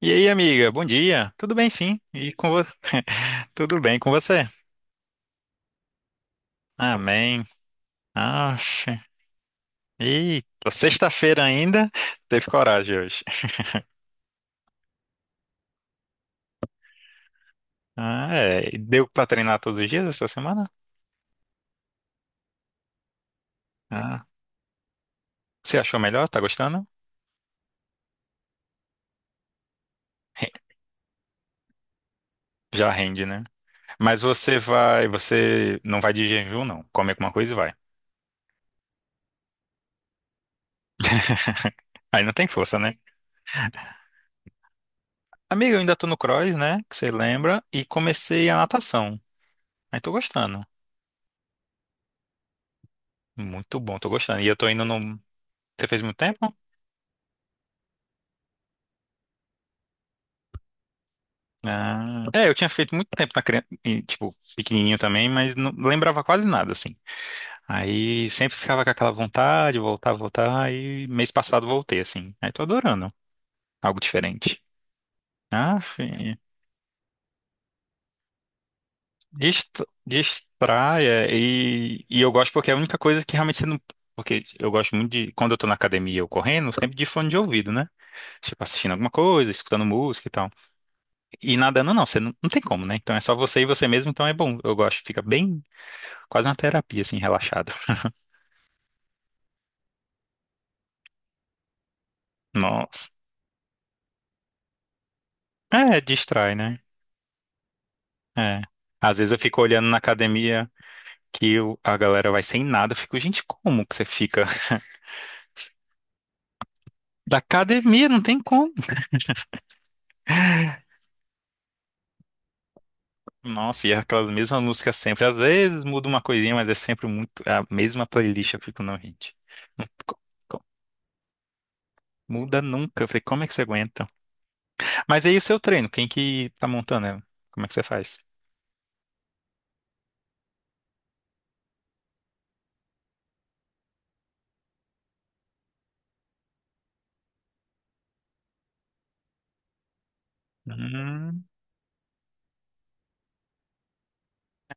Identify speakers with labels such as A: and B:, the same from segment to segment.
A: E aí, amiga, bom dia. Tudo bem, sim. E com você? Tudo bem com você? Amém. Oxe. Eita, sexta-feira ainda. Teve coragem hoje. Ah, é. E deu pra treinar todos os dias essa semana? Ah. Você achou melhor? Tá gostando? Re- Já rende, né? Você não vai de jejum, não. Come alguma coisa e vai. Aí não tem força, né? Amiga, eu ainda tô no cross, né? Que você lembra. E comecei a natação. Aí tô gostando. Muito bom, tô gostando. E eu tô indo no. Você fez muito tempo? Ah, é, eu tinha feito muito tempo na criança, e, tipo, pequenininho também, mas não lembrava quase nada, assim. Aí sempre ficava com aquela vontade, voltar, voltar, e mês passado voltei, assim. Aí tô adorando algo diferente. Ah, distraia, e eu gosto porque é a única coisa que realmente você não. Porque eu gosto muito de, quando eu tô na academia ou correndo, sempre de fone de ouvido, né? Tipo, assistindo alguma coisa, escutando música e tal. E nadando não, você não, não tem como, né? Então é só você e você mesmo, então é bom. Eu gosto, fica bem quase uma terapia, assim, relaxado. Nossa. É, distrai, né? É. Às vezes eu fico olhando na academia que a galera vai sem nada. Eu fico, gente, como que você fica? Da academia, não tem como. Nossa, e aquelas mesmas músicas sempre. Às vezes muda uma coisinha, mas é sempre muito a mesma playlist. Eu fico, não, gente. Não tem como. Muda nunca. Eu falei, como é que você aguenta? Mas aí o seu treino, quem que tá montando ela? Como é que você faz? Hum.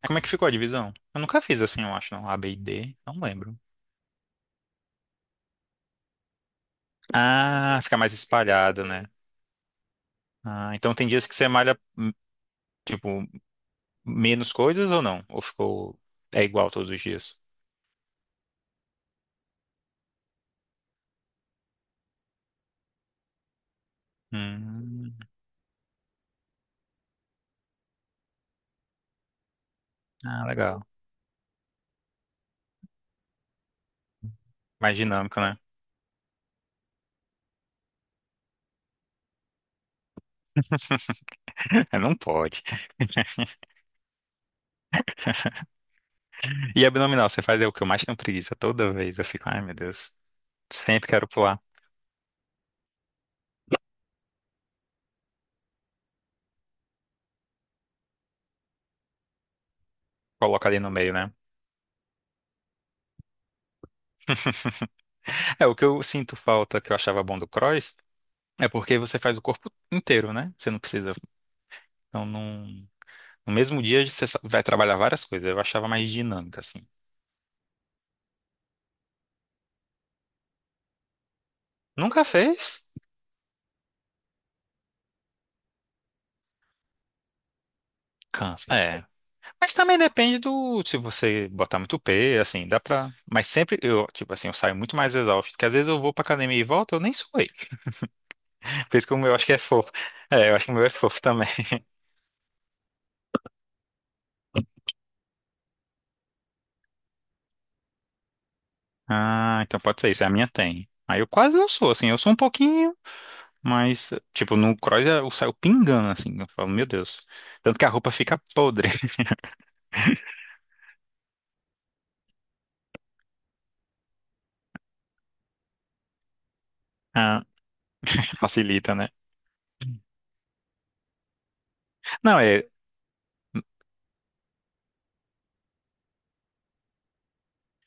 A: Como é que ficou a divisão? Eu nunca fiz assim, eu acho, não. A, B e D, não lembro. Ah, fica mais espalhado, né? Ah, então tem dias que você malha, tipo, menos coisas ou não? Ou ficou, é igual todos os dias? Hum, ah, legal. Mais dinâmico, né? É. Não pode. E abdominal, você faz é o que eu mais tenho preguiça. Toda vez eu fico, ai meu Deus, sempre quero pular. Coloca ali no meio, né? É, o que eu sinto falta, que eu achava bom do cross, é porque você faz o corpo inteiro, né? Você não precisa. Então, no mesmo dia, você vai trabalhar várias coisas. Eu achava mais dinâmica, assim. Nunca fez? Cansa. É. Mas também depende do se você botar muito P, assim, dá pra. Mas sempre eu, tipo assim, eu saio muito mais exausto, porque às vezes eu vou pra academia e volto, eu nem suei. Por isso que o meu eu acho que é fofo. É, eu acho que o meu é fofo também. Ah, então pode ser isso, é a minha tem. Aí eu quase eu sou, assim, eu sou um pouquinho, mas, tipo, no cross eu saio pingando, assim, eu falo, meu Deus. Tanto que a roupa fica podre. Ah, facilita, né? Não, é,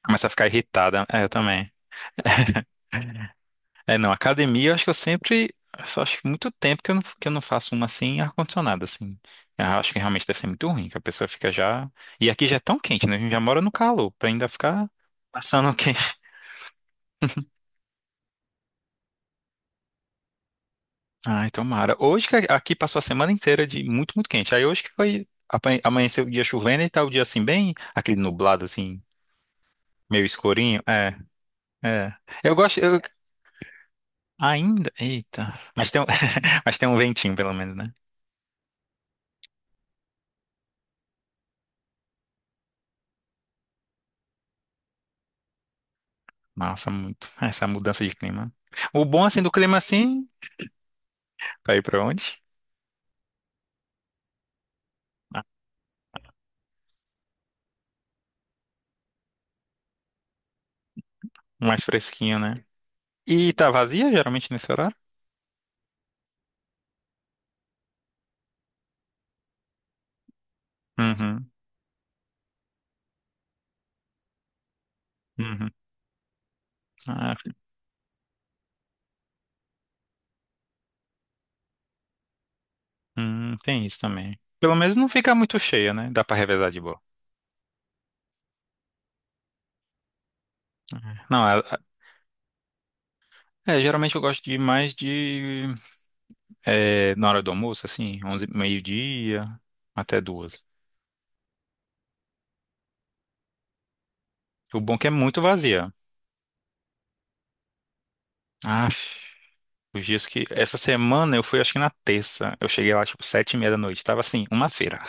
A: começa a ficar irritada, é, eu também. É, não, academia, eu acho que eu sempre. Eu só acho que muito tempo que eu não faço uma assim ar-condicionado, assim. Ah, eu acho que realmente deve ser muito ruim, que a pessoa fica já. E aqui já é tão quente, né? A gente já mora no calor, pra ainda ficar passando o quente. Ai, tomara. Hoje que aqui passou a semana inteira de muito, muito quente. Aí hoje que foi. Amanheceu o dia chovendo e tá o dia assim, bem. Aquele nublado, assim, meio escurinho. É, é. Eu gosto. Ainda. Eita. Mas tem um, mas tem um ventinho, pelo menos, né? Massa, muito. Essa mudança de clima. O bom, assim, do clima, assim, tá aí pra onde? Ah, mais fresquinho, né? E tá vazia, geralmente, nesse horário? Uhum, uhum. Ah, tem isso também. Pelo menos não fica muito cheia, né? Dá pra revezar de boa. Não, é, geralmente eu gosto de mais de. É, na hora do almoço, assim, 11 meio-dia até duas. O bom é que é muito vazia. Ah, os dias que. Essa semana eu fui, acho que na terça. Eu cheguei lá, tipo, 7:30 da noite. Tava, assim, uma feira.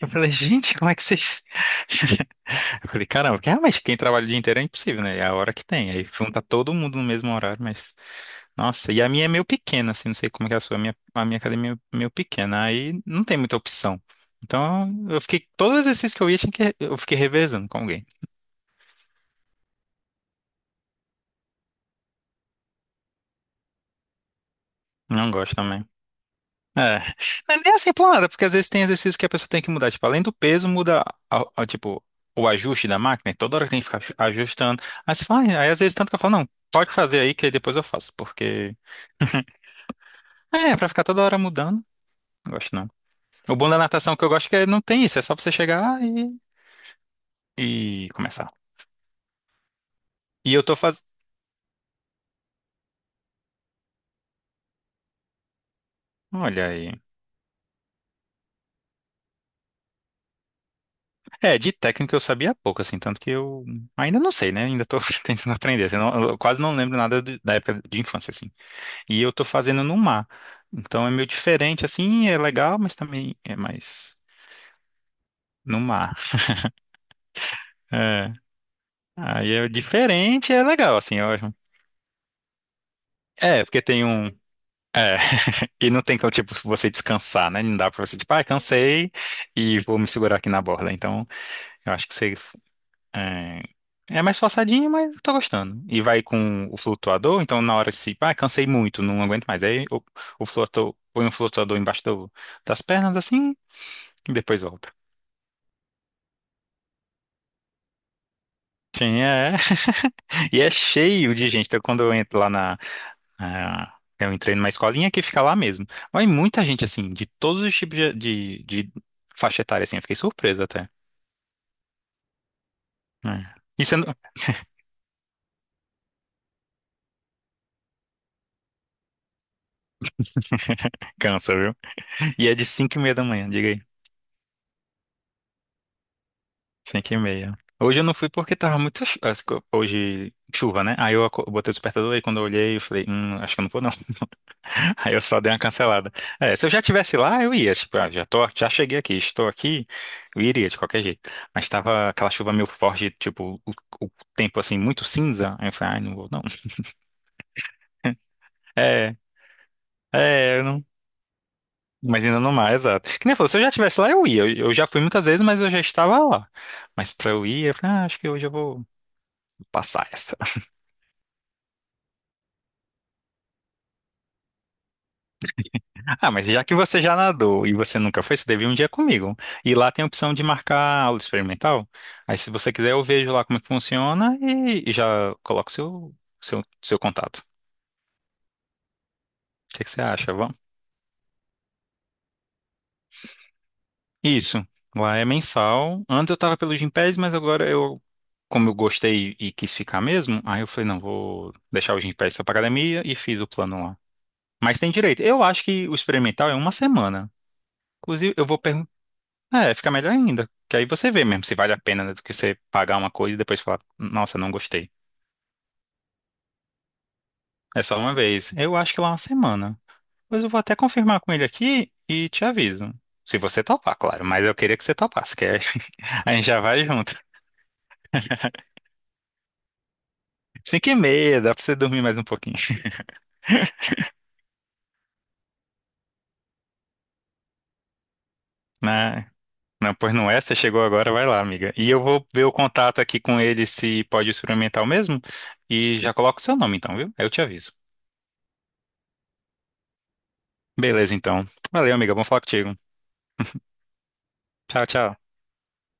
A: Eu falei, gente, como é que vocês. Eu falei, caramba, porque realmente quem trabalha o dia inteiro é impossível, né? É a hora que tem. Aí junta todo mundo no mesmo horário, mas. Nossa, e a minha é meio pequena, assim, não sei como é que é a sua. A minha academia é meio pequena. Aí não tem muita opção. Então eu fiquei. Todos os exercícios que eu ia, tinha que. Eu fiquei revezando com alguém. Não gosto também. É. Não é nem assim por nada, porque às vezes tem exercícios que a pessoa tem que mudar. Tipo, além do peso, muda, tipo, o ajuste da máquina. E toda hora tem que ficar ajustando. Aí você fala, "Ah", aí às vezes tanto que eu falo, não, pode fazer aí que aí depois eu faço. Porque, é, pra ficar toda hora mudando, não gosto não. O bom da natação que eu gosto é que não tem isso. É só você chegar e começar. E eu tô fazendo. Olha aí. É, de técnica eu sabia pouco, assim, tanto que eu ainda não sei, né? Ainda tô tentando aprender. Assim, eu quase não lembro nada da época de infância, assim. E eu tô fazendo no mar. Então é meio diferente, assim, é legal, mas também é mais no mar. É. Aí é diferente, é legal, assim, eu acho. É, porque tem um. É, e não tem como, tipo, você descansar, né? Não dá pra você, tipo, ah, cansei e vou me segurar aqui na borda. Então, eu acho que você. É, é mais forçadinho, mas eu tô gostando. E vai com o flutuador, então na hora que se, ah, cansei muito, não aguento mais. Aí o flutuador, põe um flutuador embaixo das pernas, assim, e depois volta. Sim, é. E é cheio de gente. Então, quando eu entro lá na- eu entrei numa escolinha que fica lá mesmo. Mas muita gente, assim, de todos os tipos de faixa etária, assim. Eu fiquei surpreso até. É. Isso eu não. Cansa, viu? E é de 5:30 da manhã, diga aí. 5:30. Hoje eu não fui porque tava muito. Hoje, chuva, né? Aí eu botei o despertador e quando eu olhei, eu falei, acho que eu não vou, não. Aí eu só dei uma cancelada. É, se eu já tivesse lá, eu ia. Tipo, ah, já tô, já cheguei aqui, estou aqui, eu iria de qualquer jeito. Mas tava aquela chuva meio forte, tipo, o tempo assim, muito cinza. Aí eu falei, ai, não vou, não. É, é, eu não. Mas ainda não mais, exato. Que nem falou, se eu já tivesse lá, eu ia. Eu já fui muitas vezes, mas eu já estava lá. Mas pra eu ir, eu falei, ah, acho que hoje eu vou passar essa. Ah, mas já que você já nadou e você nunca foi, você deve ir um dia comigo. E lá tem a opção de marcar aula experimental. Aí, se você quiser, eu vejo lá como é que funciona e já coloco seu contato. O que é que você acha? Vamos? Isso. Lá é mensal. Antes eu tava pelo Gympass, mas agora eu, como eu gostei e quis ficar mesmo, aí eu falei, não, vou deixar o Gympass só pra academia e fiz o plano lá. Mas tem direito. Eu acho que o experimental é uma semana. Inclusive, eu vou perguntar. É, fica melhor ainda. Que aí você vê mesmo se vale a pena, né, do que você pagar uma coisa e depois falar, nossa, não gostei. É só uma vez. Eu acho que lá é uma semana. Mas eu vou até confirmar com ele aqui e te aviso. Se você topar, claro. Mas eu queria que você topasse, que aí a gente já vai junto. 5:30, dá pra você dormir mais um pouquinho. Né? Não, pois não é, você chegou agora, vai lá, amiga. E eu vou ver o contato aqui com ele se pode experimentar o mesmo. E já coloco o seu nome então, viu? Aí eu te aviso. Beleza, então. Valeu, amiga. Bom falar contigo. Tchau, tchau.